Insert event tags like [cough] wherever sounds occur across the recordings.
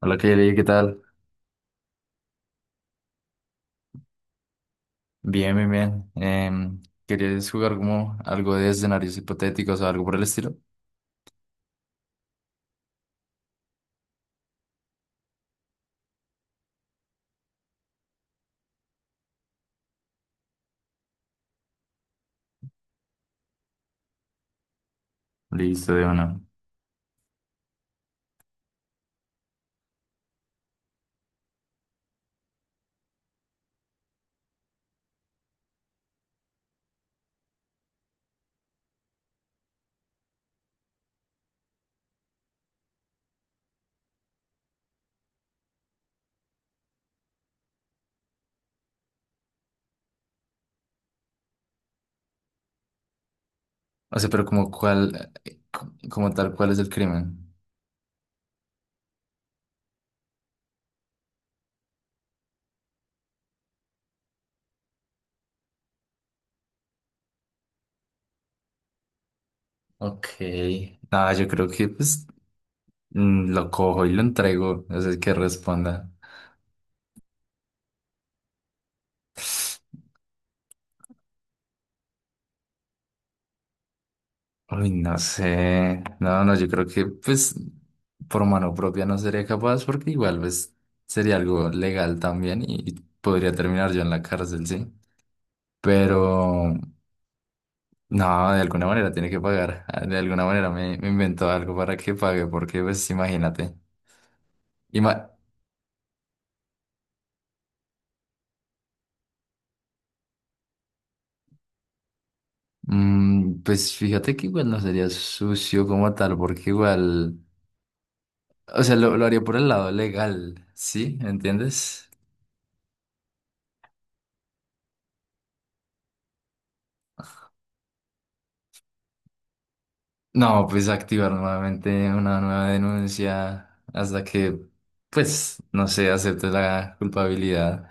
Hola, Kelly, ¿qué tal? Bien, bien, bien. ¿Querías jugar como algo de escenarios hipotéticos o algo por el estilo? Listo, de una. O sea, pero como cuál, como tal, ¿cuál es el crimen? Ok. Nada, yo creo que pues lo cojo y lo entrego. No sé qué responda. Uy, no sé. No, no, yo creo que pues por mano propia no sería capaz porque igual pues sería algo legal también y podría terminar yo en la cárcel, sí. Pero no, de alguna manera tiene que pagar. Ah, de alguna manera me invento algo para que pague, porque pues imagínate. Ima- Mm, pues fíjate que igual no sería sucio como tal, porque igual, o sea, lo haría por el lado legal, ¿sí? ¿Entiendes? No, pues activar nuevamente una nueva denuncia hasta que, pues, no sé, acepte la culpabilidad.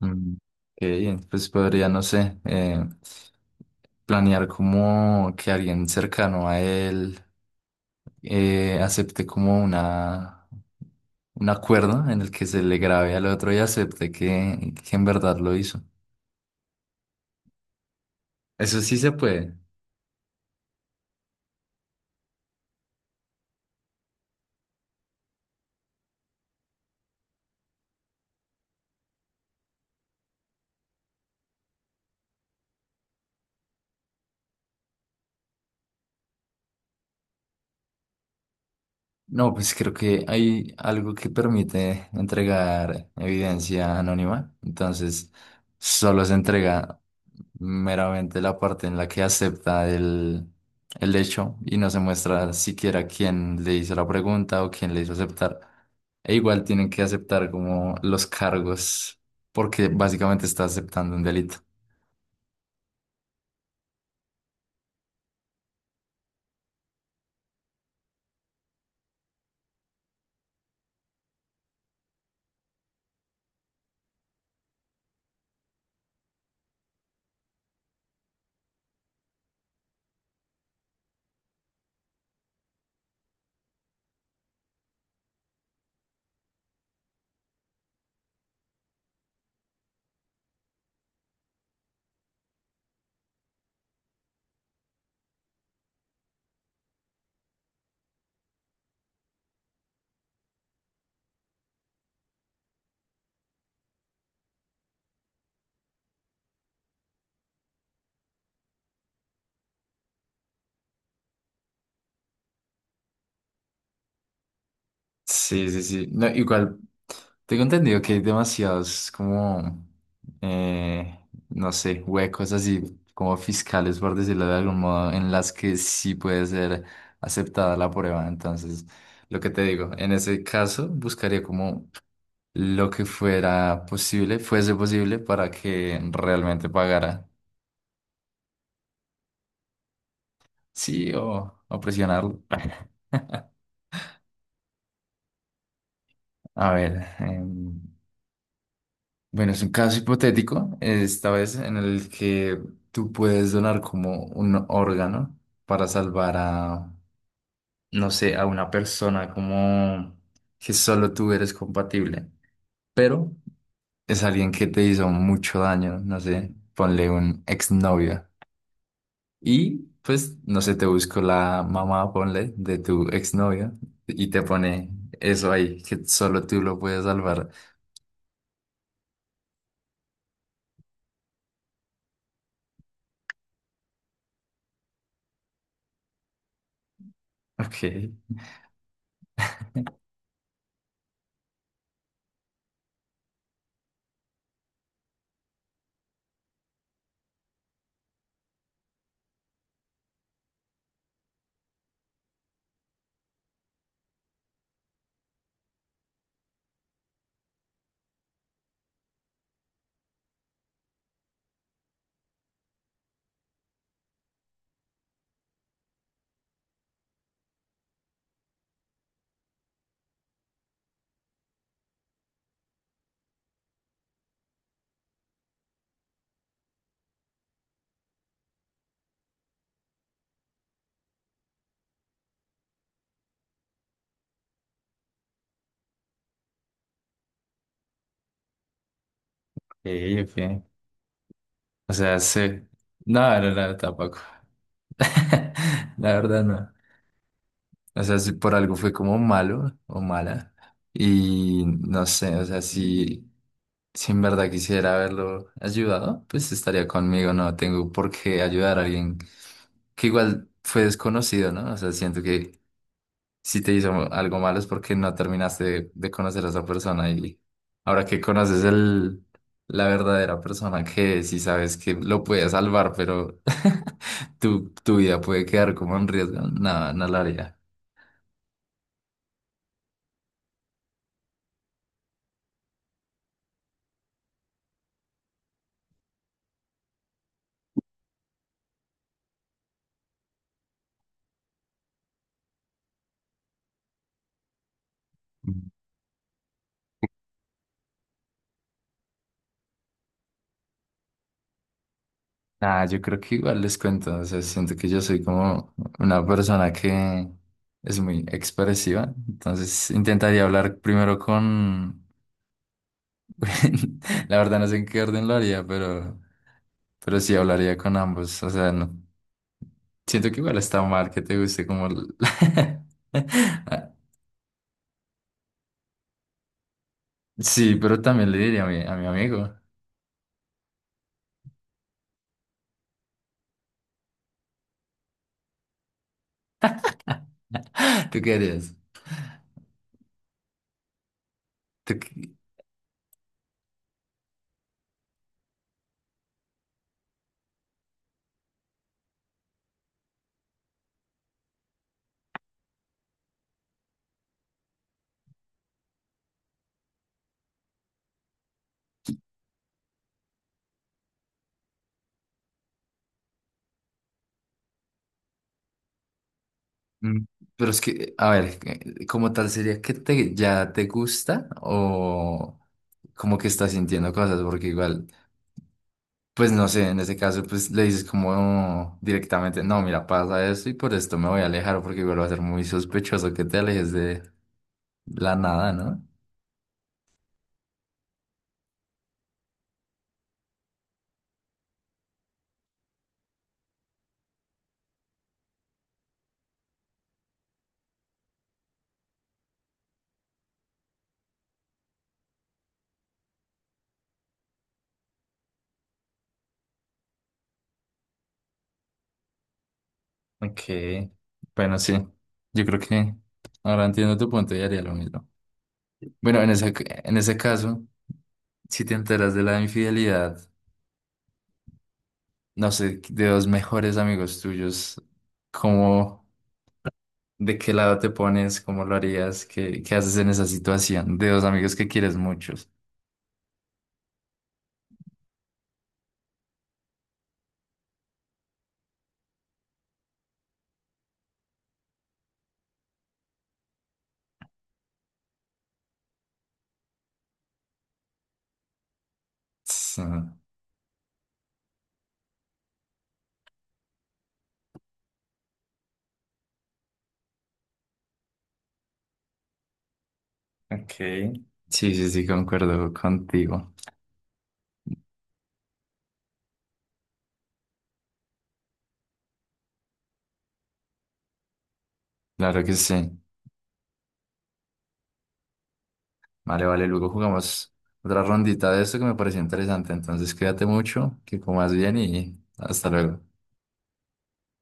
Mm, ok, pues podría, no sé, planear como que alguien cercano a él acepte como un acuerdo en el que se le grabe al otro y acepte que en verdad lo hizo. Eso sí se puede. No, pues creo que hay algo que permite entregar evidencia anónima. Entonces, solo se entrega meramente la parte en la que acepta el hecho y no se muestra siquiera quién le hizo la pregunta o quién le hizo aceptar. E igual tienen que aceptar como los cargos porque básicamente está aceptando un delito. Sí, sí, sí. No, igual, tengo entendido que hay demasiados como, eh, no sé, huecos así como fiscales, por decirlo de algún modo, en las que sí puede ser aceptada la prueba. Entonces, lo que te digo, en ese caso buscaría como lo que fuera posible, fuese posible para que realmente pagara. Sí, o presionarlo. [laughs] A ver. Bueno, es un caso hipotético, esta vez en el que tú puedes donar como un órgano para salvar a, no sé, a una persona como que solo tú eres compatible, pero es alguien que te hizo mucho daño, no sé, ponle un exnovio. Y pues, no sé, te busco la mamá, ponle, de tu exnovio y te pone eso ahí, que solo tú lo puedes salvar. [laughs] Ok, ok, ok. O sea, sí. No, no, no, tampoco. [laughs] La verdad no. O sea, si por algo fue como malo o mala. Y no sé, o sea, si, si en verdad quisiera haberlo ayudado, pues estaría conmigo. No tengo por qué ayudar a alguien que igual fue desconocido, ¿no? O sea, siento que si te hizo algo malo es porque no terminaste de conocer a esa persona y ahora que conoces la verdadera persona que si sabes que lo puede salvar, pero [laughs] tu vida puede quedar como en riesgo, nada, no lo haría. Nada, yo creo que igual les cuento, o sea, siento que yo soy como una persona que es muy expresiva, entonces intentaría hablar primero con, [laughs] la verdad no sé en qué orden lo haría, pero sí hablaría con ambos, o sea, no. Siento que igual está mal que te guste como... el- [laughs] Sí, pero también le diría a a mi amigo. [laughs] ¿Tú qué harías? ¿Tú qué-? Mm, pero es que, a ver, como tal sería que te, ya te gusta o como que estás sintiendo cosas, porque igual, pues no sé, en ese caso, pues le dices como directamente, no, mira, pasa esto y por esto me voy a alejar, porque igual va a ser muy sospechoso que te alejes de la nada, ¿no? Ok, bueno, sí, yo creo que ahora entiendo tu punto y haría lo mismo. Bueno, en ese caso, si te enteras de la infidelidad, no sé, de dos mejores amigos tuyos, ¿cómo, de qué lado te pones, cómo lo harías, qué, qué haces en esa situación? De dos amigos que quieres muchos. Sí, ok. Sí, sí, sí, concuerdo contigo. Claro que sí. Vale, vale, luego jugamos otra rondita de esto que me pareció interesante. Entonces, cuídate mucho, que comas bien y hasta luego.